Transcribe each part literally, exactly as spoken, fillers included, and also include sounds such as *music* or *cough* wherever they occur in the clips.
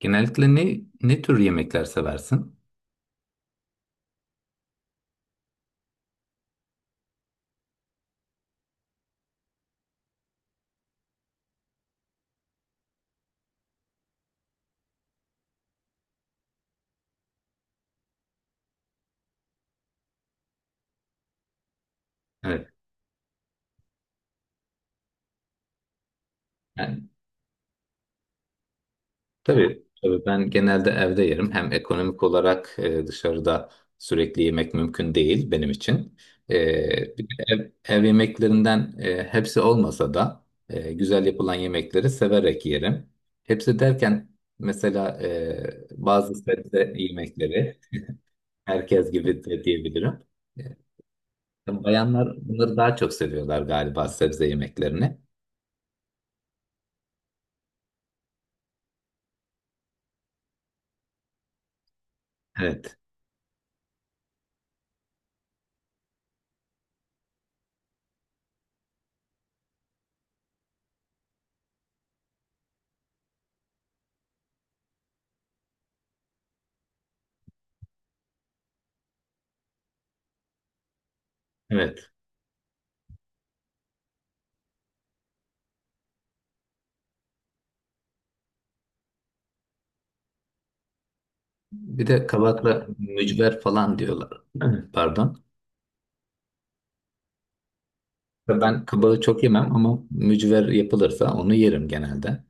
Genellikle ne ne tür yemekler seversin? Evet. Yani, tabii, tabii ben genelde evde yerim. Hem ekonomik olarak e, dışarıda sürekli yemek mümkün değil benim için. E, bir de ev, ev yemeklerinden e, hepsi olmasa da e, güzel yapılan yemekleri severek yerim. Hepsi derken mesela e, bazı sebze yemekleri herkes gibi de diyebilirim. E, bayanlar bunları daha çok seviyorlar galiba sebze yemeklerini. Evet. Evet. Bir de kabakla mücver falan diyorlar. Evet. Pardon. Ben kabağı çok yemem ama mücver yapılırsa onu yerim genelde.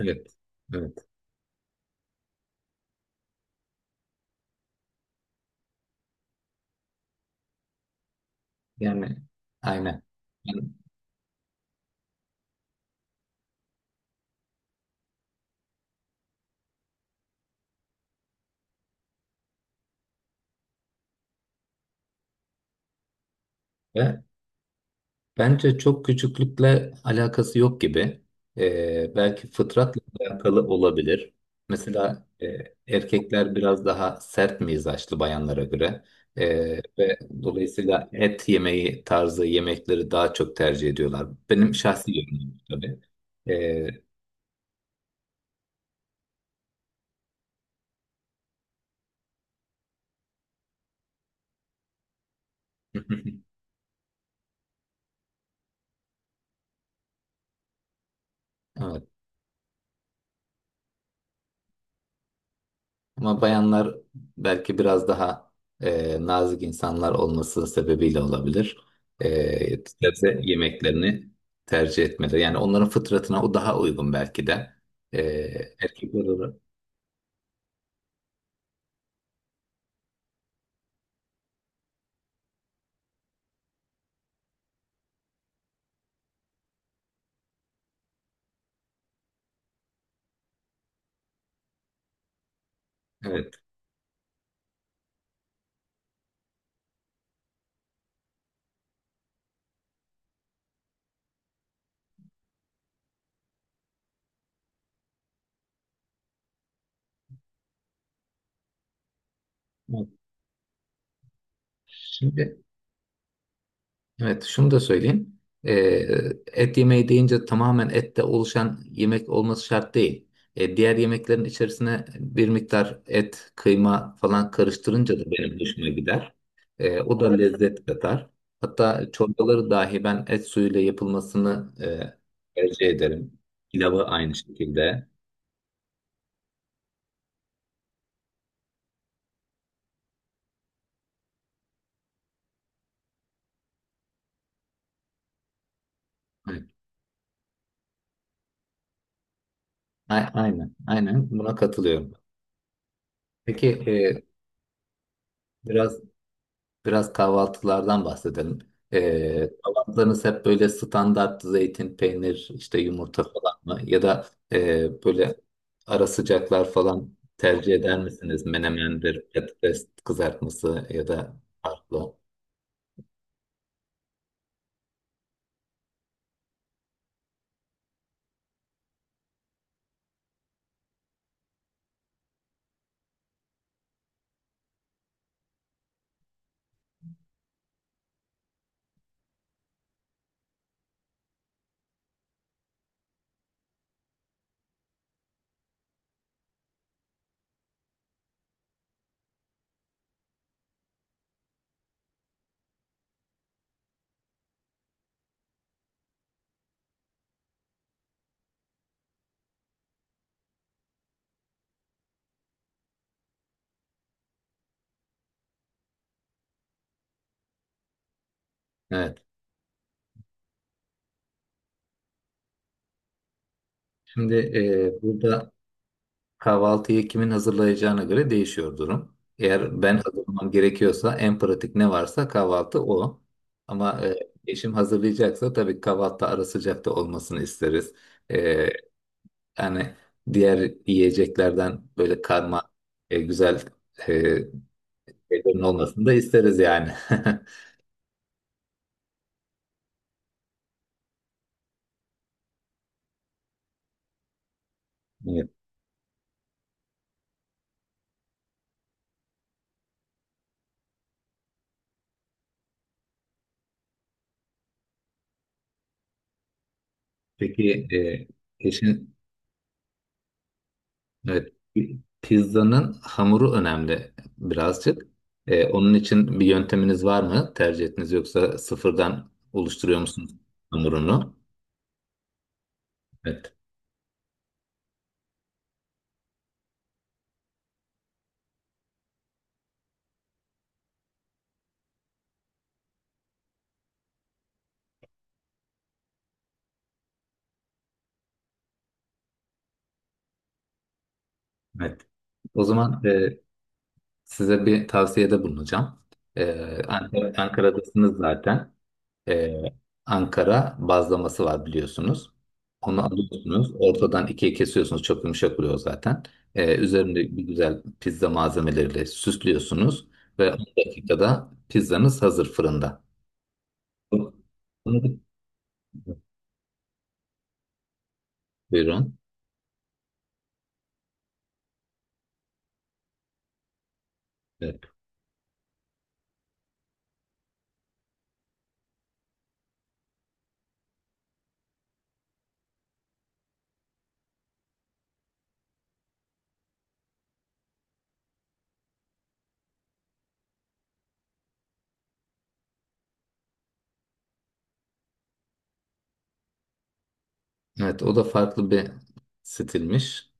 Evet. Evet. Yani aynen. Yani, ve bence çok küçüklükle alakası yok gibi. Ee, belki fıtratla alakalı olabilir. Mesela e, erkekler biraz daha sert mizaçlı bayanlara göre. Ee, ve dolayısıyla et yemeği tarzı yemekleri daha çok tercih ediyorlar. Benim şahsi yorumum tabii. Ee, *laughs* Ama bayanlar belki biraz daha e, nazik insanlar olması sebebiyle olabilir. E, sebze yemeklerini tercih etmeleri. Yani onların fıtratına o daha uygun belki de. E, Erkekler olarak. Evet. Şimdi Evet, şunu da söyleyeyim. Ee, et yemeği deyince tamamen ette oluşan yemek olması şart değil. Ee, diğer yemeklerin içerisine bir miktar et, kıyma falan karıştırınca da benim hoşuma gider. Ee, o da lezzet katar. Hatta çorbaları dahi ben et suyuyla yapılmasını e, tercih ederim. Pilavı aynı şekilde. Evet. A- Aynen, aynen buna katılıyorum. Peki e, biraz biraz kahvaltılardan bahsedelim. Ee, kahvaltılarınız hep böyle standart zeytin, peynir, işte yumurta falan mı? Ya da e, böyle ara sıcaklar falan tercih eder misiniz? Menemendir, patates kızartması ya da farklı. Evet. Şimdi e, burada kahvaltıyı kimin hazırlayacağına göre değişiyor durum. Eğer ben hazırlamam gerekiyorsa en pratik ne varsa kahvaltı o. Ama e, eşim hazırlayacaksa tabii kahvaltı ara sıcak da olmasını isteriz. E, Yani diğer yiyeceklerden böyle karma e, güzel e, şeylerin olmasını da isteriz yani. *laughs* Evet. Peki e, eşin. Evet, pizzanın hamuru önemli birazcık. Ee, onun için bir yönteminiz var mı? Tercih ettiniz yoksa sıfırdan oluşturuyor musunuz hamurunu? Evet, evet. O zaman e, size bir tavsiyede bulunacağım. Ee, Ankara, Ankara'dasınız zaten. Ee, Ankara bazlaması var biliyorsunuz. Onu alıyorsunuz. Ortadan ikiye kesiyorsunuz. Çok yumuşak oluyor zaten. Ee, üzerinde bir güzel pizza malzemeleriyle süslüyorsunuz. Ve on dakikada pizzanız hazır fırında. Bunu- bunu- Buyurun. Evet. Evet, o da farklı bir stilmiş.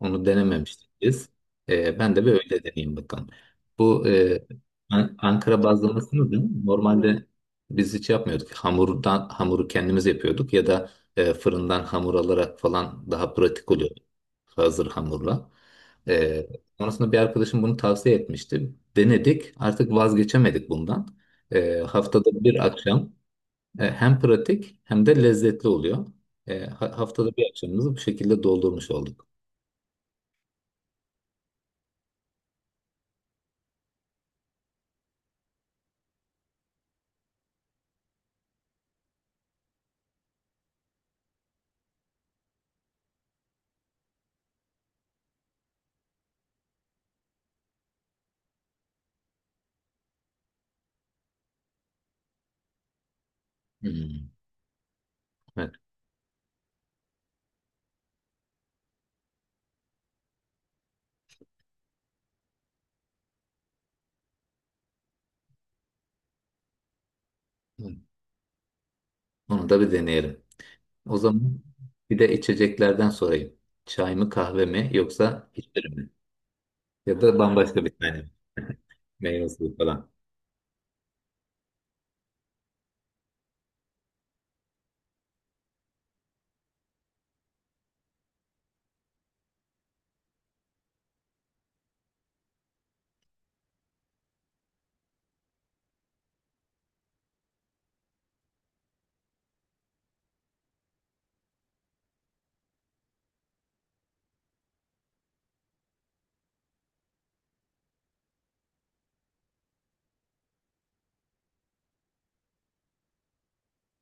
Onu denememiştik biz. Ee, ben de bir öyle deneyeyim bakalım. Bu e, An- Ankara bazlamasını da normalde biz hiç yapmıyorduk. Hamurdan hamuru kendimiz yapıyorduk ya da e, fırından hamur alarak falan daha pratik oluyordu hazır hamurla. Ee, Sonrasında bir arkadaşım bunu tavsiye etmişti. Denedik. Artık vazgeçemedik bundan. Ee, haftada bir akşam e, hem pratik hem de lezzetli oluyor. E, ha- haftada bir akşamımızı bu şekilde doldurmuş olduk. Hmm, evet. Hmm. Onu da bir deneyelim. O zaman bir de içeceklerden sorayım. Çay mı kahve mi yoksa hiçbiri mi? Ya da bambaşka bir tane mi? *laughs* Meyve suyu falan.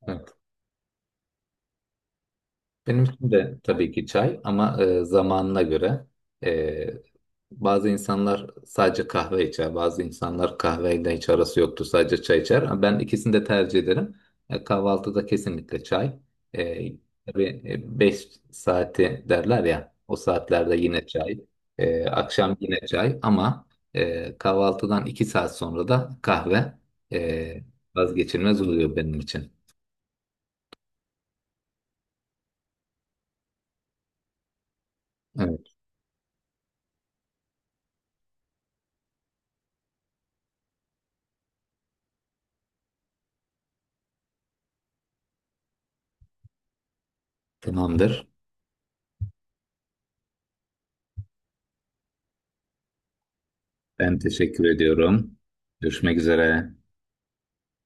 Evet. Benim için de tabii ki çay ama e, zamanına göre e, bazı insanlar sadece kahve içer, bazı insanlar kahveyle hiç arası yoktur, sadece çay içer. Ama ben ikisini de tercih ederim. E, kahvaltıda kesinlikle çay. E, tabii beş saati derler ya, o saatlerde yine çay. E, akşam yine çay ama e, kahvaltıdan iki saat sonra da kahve e, vazgeçilmez oluyor benim için. Evet, tamamdır. Ben teşekkür ediyorum. Görüşmek üzere.